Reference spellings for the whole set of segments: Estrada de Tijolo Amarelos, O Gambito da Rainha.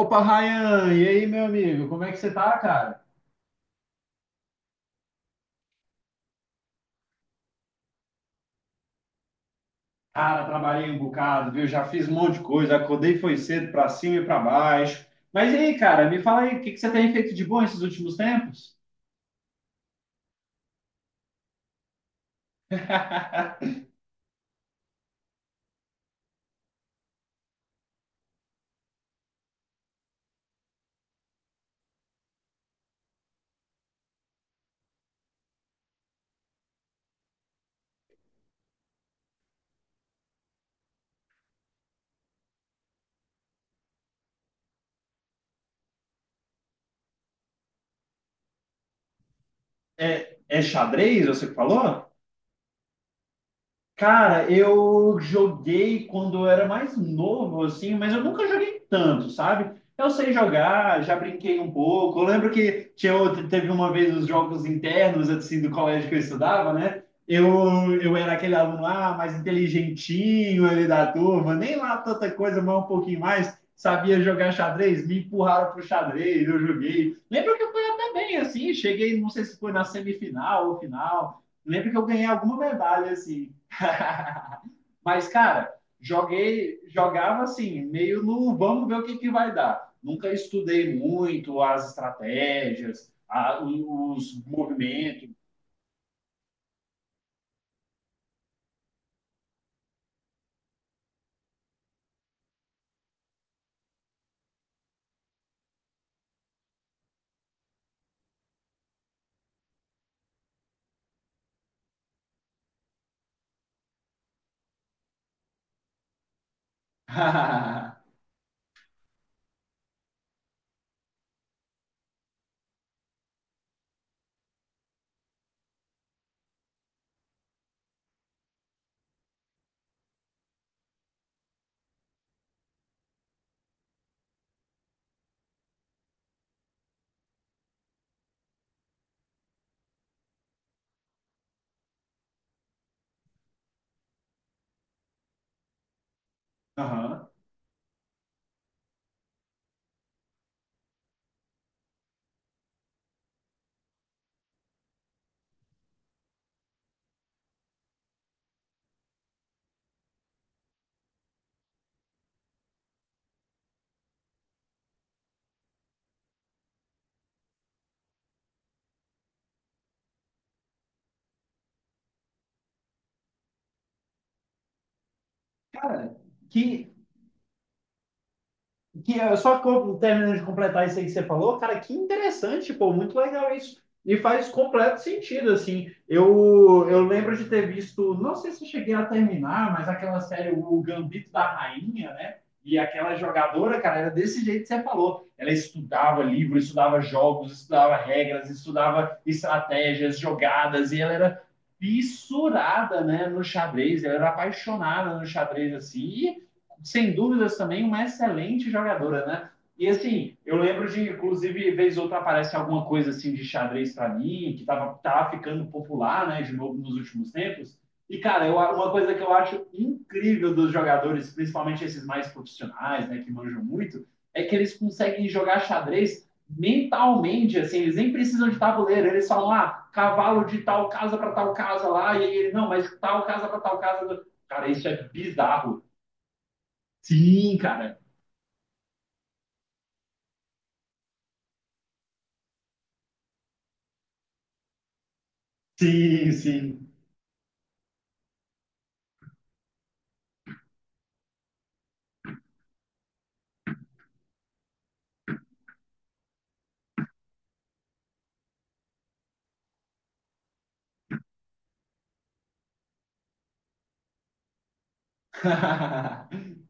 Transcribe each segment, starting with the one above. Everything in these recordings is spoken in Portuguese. Opa, Ryan, e aí, meu amigo, como é que você tá, cara? Cara, trabalhei um bocado, viu? Já fiz um monte de coisa, acordei foi cedo pra cima e pra baixo. Mas e aí, cara, me fala aí, o que que você tem feito de bom esses últimos tempos? É, é xadrez, você que falou? Cara, eu joguei quando eu era mais novo, assim, mas eu nunca joguei tanto, sabe? Eu sei jogar, já brinquei um pouco. Eu lembro que tinha, teve uma vez os jogos internos, assim, do colégio que eu estudava, né? Eu era aquele aluno lá, mais inteligentinho ali da turma, nem lá tanta coisa, mas um pouquinho mais. Sabia jogar xadrez, me empurraram pro xadrez, eu joguei. Lembro que eu fui até bem, assim, cheguei, não sei se foi na semifinal ou final. Lembro que eu ganhei alguma medalha, assim. Mas, cara, joguei, jogava assim, meio no vamos ver o que, que vai dar. Nunca estudei muito as estratégias, os movimentos. Aham. Cara, que Que eu só terminando de completar isso aí que você falou, cara, que interessante, pô, muito legal isso. E faz completo sentido, assim. Eu lembro de ter visto, não sei se eu cheguei a terminar, mas aquela série, O Gambito da Rainha, né? E aquela jogadora, cara, era desse jeito que você falou. Ela estudava livro, estudava jogos, estudava regras, estudava estratégias, jogadas, e ela era fissurada, né, no xadrez, ela era apaixonada no xadrez, assim. E sem dúvidas também uma excelente jogadora, né? E assim, eu lembro de, inclusive, vez ou outra aparece alguma coisa assim de xadrez para mim, que tava, tava ficando popular, né, de novo nos últimos tempos. E, cara, eu, uma coisa que eu acho incrível dos jogadores, principalmente esses mais profissionais, né, que manjam muito, é que eles conseguem jogar xadrez mentalmente, assim, eles nem precisam de tabuleiro, eles falam, ah, cavalo de tal casa para tal casa lá, e ele, não, mas tal casa para tal casa. Cara, isso é bizarro. Sim, cara. Sim, sim.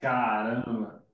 Caramba.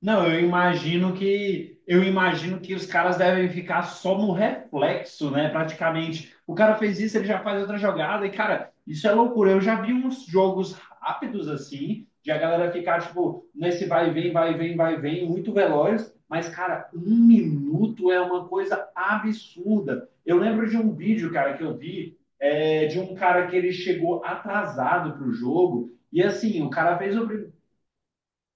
Não, eu imagino que os caras devem ficar só no reflexo, né? Praticamente. O cara fez isso, ele já faz outra jogada, e, cara, isso é loucura. Eu já vi uns jogos rápidos assim, de a galera ficar, tipo, nesse vai e vem, vai e vem, vai e vem, muito veloz, mas, cara, 1 minuto é uma coisa absurda. Eu lembro de um vídeo, cara, que eu vi, é, de um cara que ele chegou atrasado pro jogo. E assim, o cara fez o primeiro.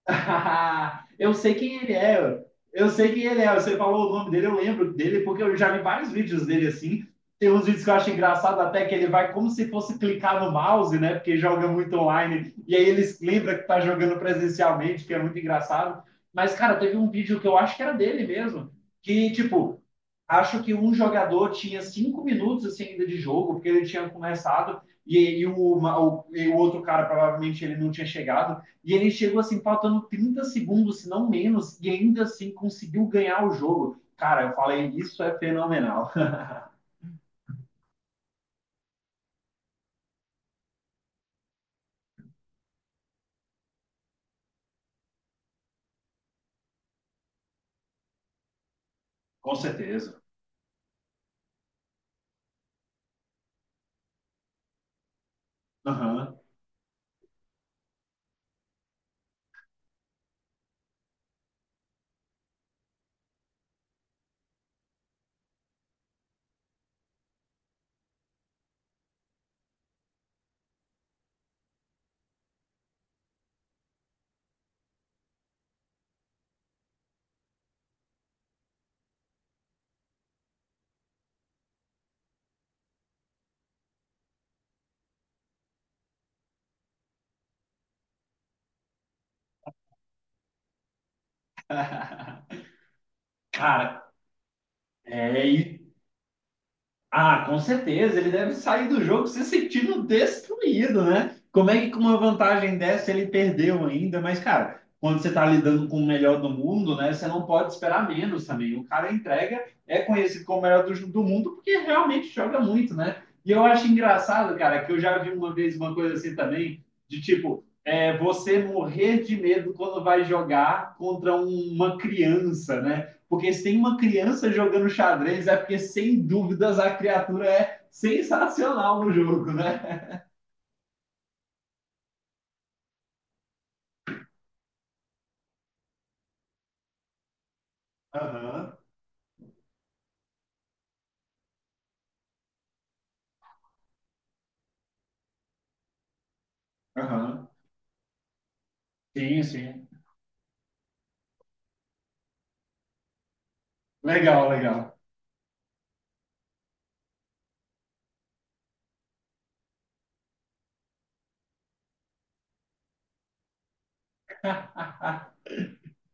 Eu sei quem ele é. Eu sei quem ele é. Você falou o nome dele, eu lembro dele, porque eu já vi vários vídeos dele assim. Tem uns vídeos que eu acho engraçado até que ele vai como se fosse clicar no mouse, né? Porque joga muito online. E aí ele lembra que tá jogando presencialmente, que é muito engraçado. Mas, cara, teve um vídeo que eu acho que era dele mesmo. Que, tipo, acho que um jogador tinha 5 minutos assim ainda de jogo, porque ele tinha começado e o outro cara provavelmente ele não tinha chegado. E ele chegou assim, faltando 30 segundos, se não menos, e ainda assim conseguiu ganhar o jogo. Cara, eu falei, isso é fenomenal. Com certeza. Uhum. Cara, é, e ah, com certeza, ele deve sair do jogo se sentindo destruído, né? Como é que com uma vantagem dessa ele perdeu ainda? Mas, cara, quando você tá lidando com o melhor do mundo, né? Você não pode esperar menos também. O cara entrega, é conhecido como o melhor do, do mundo porque realmente joga muito, né? E eu acho engraçado, cara, que eu já vi uma vez uma coisa assim também, de tipo, é, você morrer de medo quando vai jogar contra uma criança, né? Porque se tem uma criança jogando xadrez, é porque, sem dúvidas, a criatura é sensacional no jogo, né? Aham, uhum, aham. Uhum. Sim, sim. Legal, legal.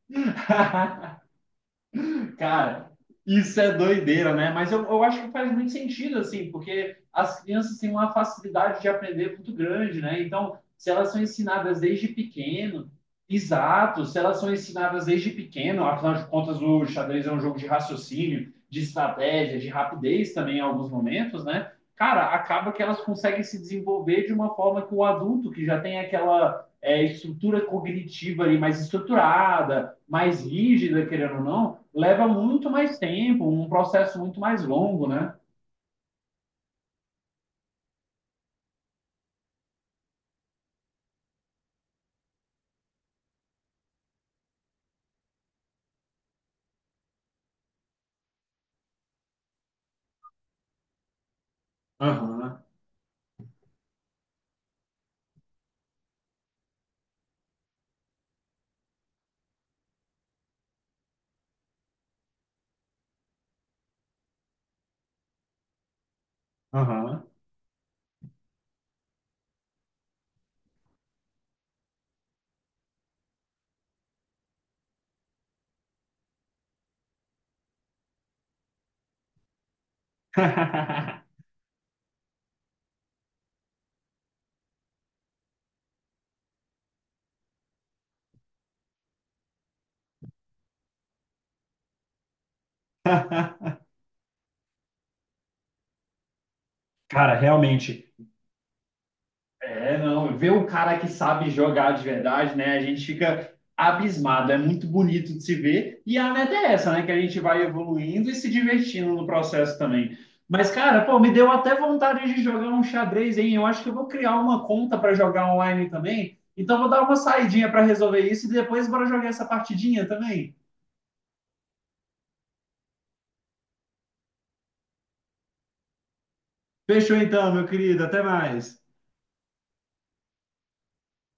Cara, isso é doideira, né? Mas eu acho que faz muito sentido, assim, porque as crianças têm uma facilidade de aprender muito grande, né? Então, se elas são ensinadas desde pequeno, exato, se elas são ensinadas desde pequeno, afinal de contas, o xadrez é um jogo de raciocínio, de estratégia, de rapidez também em alguns momentos, né? Cara, acaba que elas conseguem se desenvolver de uma forma que o adulto, que já tem aquela estrutura cognitiva ali mais estruturada, mais rígida, querendo ou não, leva muito mais tempo, um processo muito mais longo, né? Aham, aham. Cara, realmente, é, não, ver um cara que sabe jogar de verdade, né? A gente fica abismado, é muito bonito de se ver. E a meta é essa, né? Que a gente vai evoluindo e se divertindo no processo também. Mas, cara, pô, me deu até vontade de jogar um xadrez, hein? Eu acho que eu vou criar uma conta para jogar online também. Então, vou dar uma saidinha para resolver isso e depois bora jogar essa partidinha também. Fechou então, meu querido. Até mais.